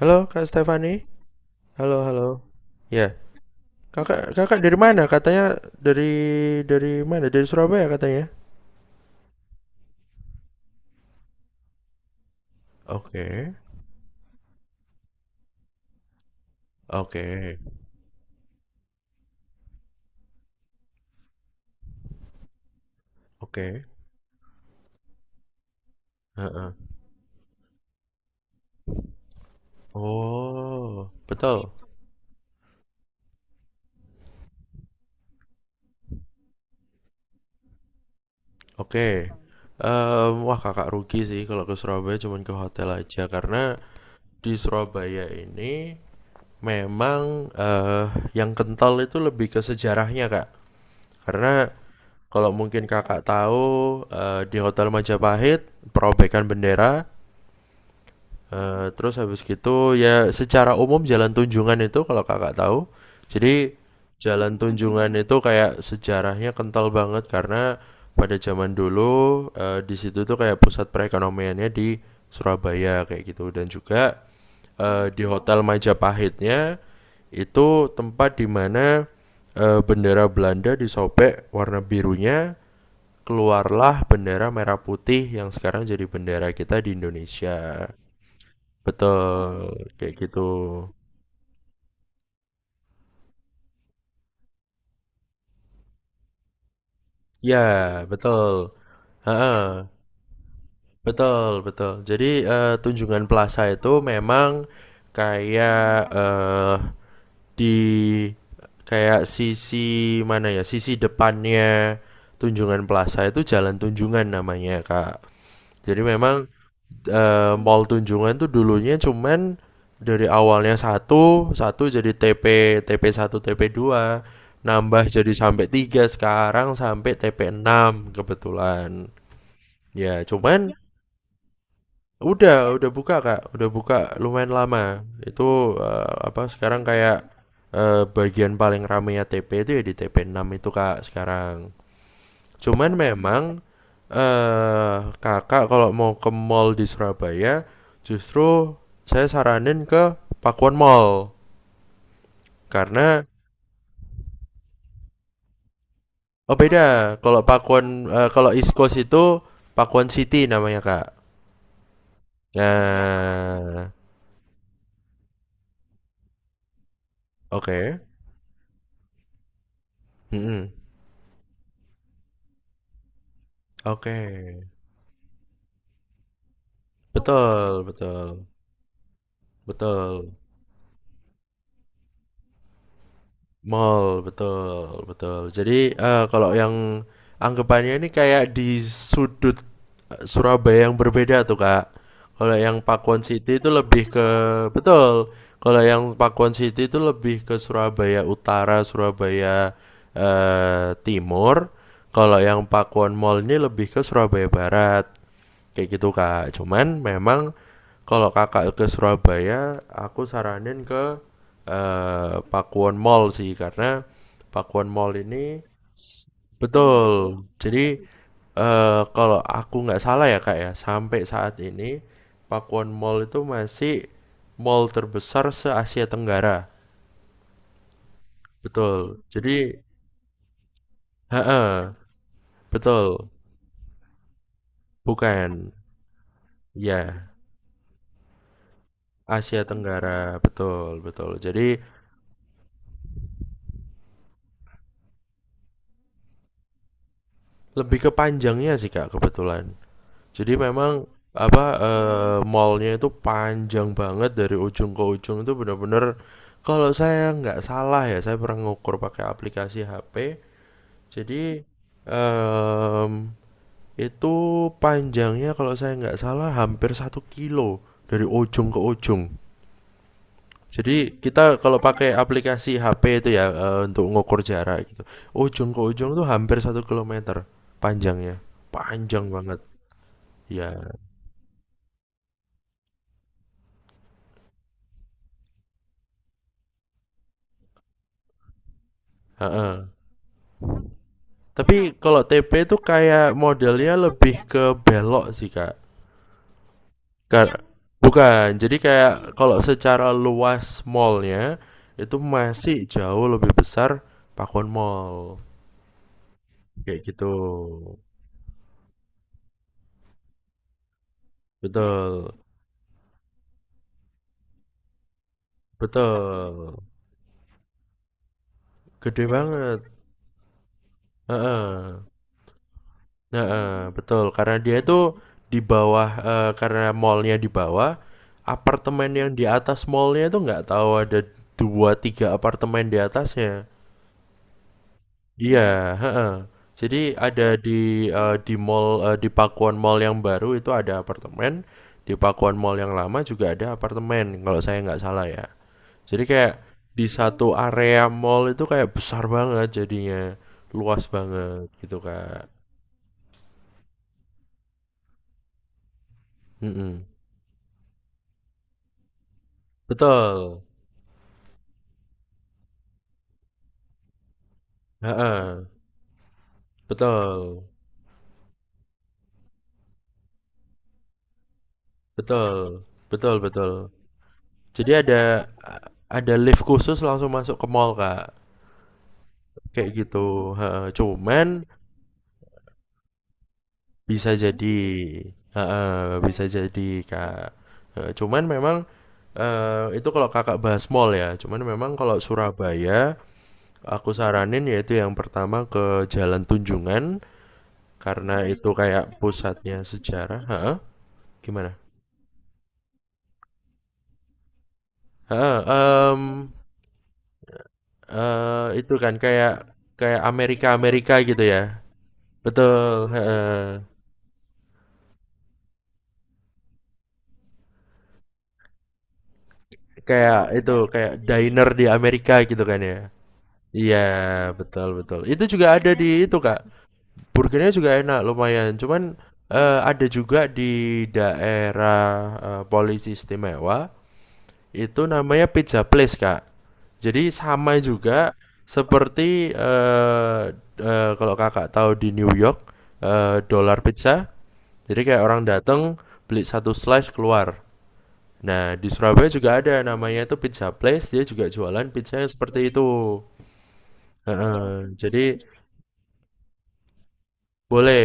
Halo Kak Stefani. Halo, halo. Ya. Kakak kakak dari mana? Katanya dari mana? Dari Surabaya katanya. Oke. Oke. Oke. Heeh. Oh, betul. Oke. Wah, Kakak rugi sih kalau ke Surabaya cuman ke hotel aja karena di Surabaya ini memang yang kental itu lebih ke sejarahnya, Kak. Karena kalau mungkin Kakak tahu, di Hotel Majapahit perobekan bendera. Terus habis gitu ya, secara umum Jalan Tunjungan itu kalau Kakak tahu, jadi Jalan Tunjungan itu kayak sejarahnya kental banget karena pada zaman dulu, di situ tuh kayak pusat perekonomiannya di Surabaya kayak gitu, dan juga di Hotel Majapahitnya itu tempat di mana bendera Belanda disobek warna birunya keluarlah bendera merah putih yang sekarang jadi bendera kita di Indonesia. Betul, kayak gitu. Ya, betul. Heeh, betul, betul. Jadi, Tunjungan Plaza itu memang kayak eh di kayak sisi mana ya? Sisi depannya Tunjungan Plaza itu Jalan Tunjungan namanya, Kak. Jadi memang, mall Tunjungan tuh dulunya cuman dari awalnya satu, satu jadi TP, TP1, TP2 nambah jadi sampai tiga, sekarang sampai TP6 kebetulan. Ya, cuman udah buka Kak, udah buka lumayan lama. Itu apa sekarang kayak bagian paling rame ya TP itu ya di TP6 itu Kak sekarang. Cuman memang, eh Kakak kalau mau ke mall di Surabaya justru saya saranin ke Pakuan Mall karena, oh, beda kalau Pakuan, kalau East Coast itu Pakuan City namanya, Kak. Nah, oke. Mm-mm. Oke, betul, betul, betul. Mall, betul, betul. Jadi, kalau yang anggapannya ini kayak di sudut Surabaya yang berbeda tuh, Kak. Kalau yang Pakuwon City itu lebih ke. Betul. Kalau yang Pakuwon City itu lebih ke Surabaya Utara, Surabaya, Timur. Kalau yang Pakuwon Mall ini lebih ke Surabaya Barat kayak gitu Kak, cuman memang kalau Kakak ke Surabaya, aku saranin ke Pakuwon Mall sih karena Pakuwon Mall ini betul, jadi eh, kalau aku nggak salah ya Kak ya sampai saat ini Pakuwon Mall itu masih mall terbesar se Asia Tenggara. Betul, jadi, heeh, betul. Bukan, ya, Asia Tenggara, betul, betul. Jadi lebih ke panjangnya sih Kak kebetulan. Jadi memang, apa, mallnya itu panjang banget dari ujung ke ujung itu benar-benar kalau saya nggak salah ya, saya pernah ngukur pakai aplikasi HP. Jadi em, itu panjangnya kalau saya nggak salah hampir 1 kilo dari ujung ke ujung. Jadi kita kalau pakai aplikasi HP itu ya, untuk ngukur jarak gitu. Ujung ke ujung tuh hampir 1 kilometer panjangnya, panjang banget. Iya, heeh. Tapi kalau TP itu kayak modelnya lebih ke belok sih, Kak. Kar- Bukan. Jadi kayak kalau secara luas mallnya itu masih jauh lebih besar Pakuan Mall. Kayak gitu. Betul. Betul. Gede banget. Heeh, nah, betul. Karena dia itu di bawah, karena mallnya di bawah, apartemen yang di atas mallnya itu nggak tahu ada dua tiga apartemen di atasnya. Iya, heeh. Jadi ada di mall, di Pakuan Mall yang baru itu ada apartemen, di Pakuan Mall yang lama juga ada apartemen kalau saya nggak salah ya. Jadi kayak di satu area mall itu kayak besar banget jadinya, luas banget gitu Kak. Mm-mm. Betul. Heeh, betul, betul, betul, betul. Jadi ada lift khusus langsung masuk ke mall Kak, kayak gitu. Heeh, cuman bisa jadi, heeh, bisa jadi Kak. Heeh, cuman memang, itu kalau Kakak bahas mall ya. Cuman memang kalau Surabaya, aku saranin yaitu yang pertama ke Jalan Tunjungan karena itu kayak pusatnya sejarah. Heeh, gimana? Heeh, itu kan kayak kayak Amerika-Amerika gitu ya? Betul, heeh. Kayak itu, kayak diner di Amerika gitu kan ya? Iya, betul betul. Itu juga ada di itu, Kak, burgernya juga enak lumayan, cuman, ada juga di daerah, Polisi Istimewa, itu namanya Pizza Place, Kak. Jadi sama juga seperti, eee eee, kalau Kakak tahu di New York, Dollar Pizza. Jadi kayak orang datang beli satu slice keluar. Nah, di Surabaya juga ada namanya itu Pizza Place, dia juga jualan pizza yang seperti itu. Heeh, jadi boleh.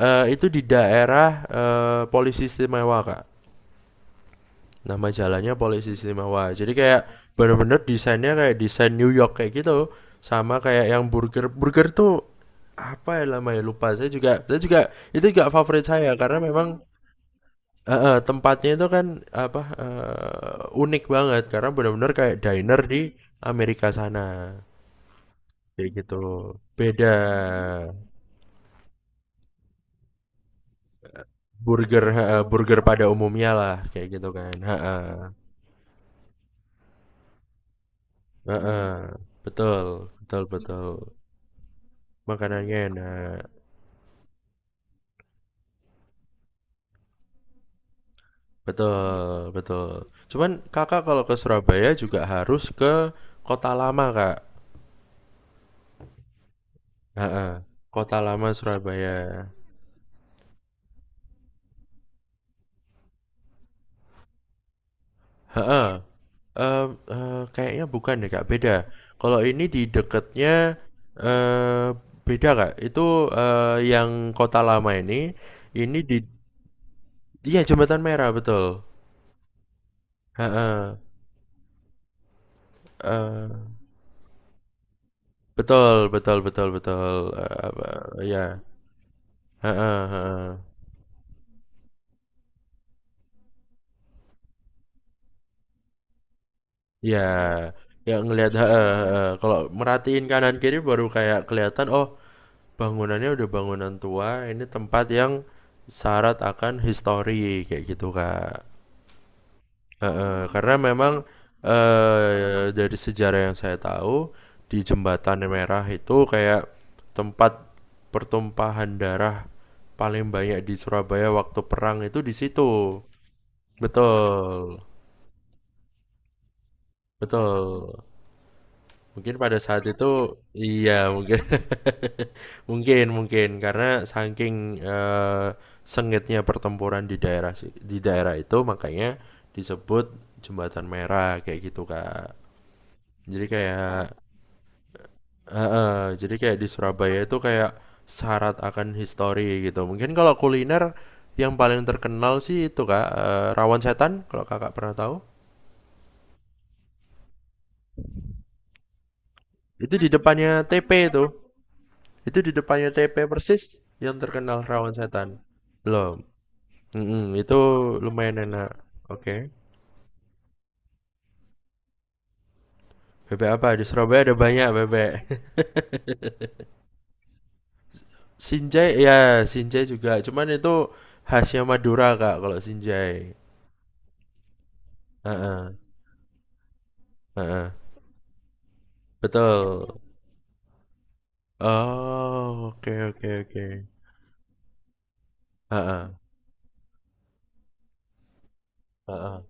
Itu di daerah, Polisi Istimewa, Kak. Nama jalannya Polisi Istimewa. Jadi kayak bener-bener desainnya kayak desain New York kayak gitu. Sama kayak yang burger. Burger tuh apa ya namanya lupa. Saya juga itu juga favorit saya karena memang. Heeh, tempatnya itu kan apa unik banget karena benar-benar kayak diner di Amerika sana kayak gitu, beda burger, heeh, burger pada umumnya lah kayak gitu kan. Heeh. Heeh. Betul, betul, betul. Makanannya enak, betul, betul. Cuman Kakak kalau ke Surabaya juga harus ke Kota Lama Kak. Heeh. Kota Lama Surabaya. Heeh. Eee eee, kayaknya bukan deh, Kak, beda. Kalau ini di deketnya, eee, beda, Kak. Itu, yang Kota Lama ini di, iya, Jembatan Merah, betul. Heeh. Eee, betul betul betul betul, apa ya. Heeh heeh. Iya, ya ngelihat, heeh heeh, kalau merhatiin kanan kiri baru kayak kelihatan, oh, bangunannya udah bangunan tua, ini tempat yang syarat akan histori kayak gitu Kak. Karena memang dari sejarah yang saya tahu di Jembatan Merah itu kayak tempat pertumpahan darah paling banyak di Surabaya waktu perang itu di situ. Betul, betul, mungkin pada saat itu, iya, mungkin. Mungkin mungkin karena saking, eh, sengitnya pertempuran di daerah di daerah itu makanya disebut Jembatan Merah kayak gitu Kak. Jadi kayak eh, eh, jadi kayak di Surabaya itu kayak syarat akan histori gitu. Mungkin kalau kuliner yang paling terkenal sih itu Kak, rawon setan kalau Kakak pernah tahu. Itu di depannya TP itu. Itu di depannya TP persis yang terkenal rawon setan. Belum. Mm-mm, itu lumayan enak. Oke. Bebek apa? Di Surabaya ada banyak bebek. Sinjai, ya, Sinjai juga. Cuman itu khasnya Madura, Kak, kalau Sinjai. Heeh, heeh. Betul. Oh, oke oke oke. Heeh, heeh,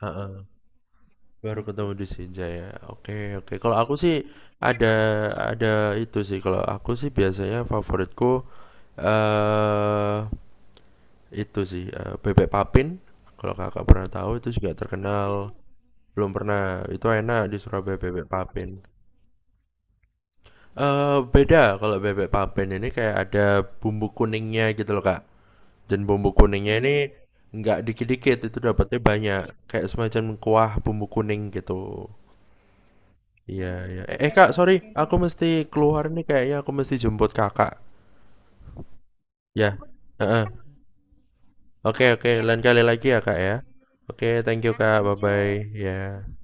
heeh. Baru ketemu di Sinjai ya. Oke, oke. Kalau aku sih ada ada itu sih. Kalau aku sih biasanya favoritku eh itu sih, bebek papin, kalau Kakak pernah tahu itu juga terkenal. Belum pernah, itu enak di Surabaya bebek papin. Eee, beda kalau bebek papin ini kayak ada bumbu kuningnya gitu loh, Kak. Dan bumbu kuningnya ini nggak dikit-dikit, itu dapatnya banyak. Kayak semacam kuah bumbu kuning gitu. Iya iya. Kak, sorry, aku mesti keluar nih kayaknya aku mesti jemput Kakak. Ya, heeh. Oke oke, lain kali lagi ya, Kak, ya. Oke, thank you, Kak, bye-bye, ya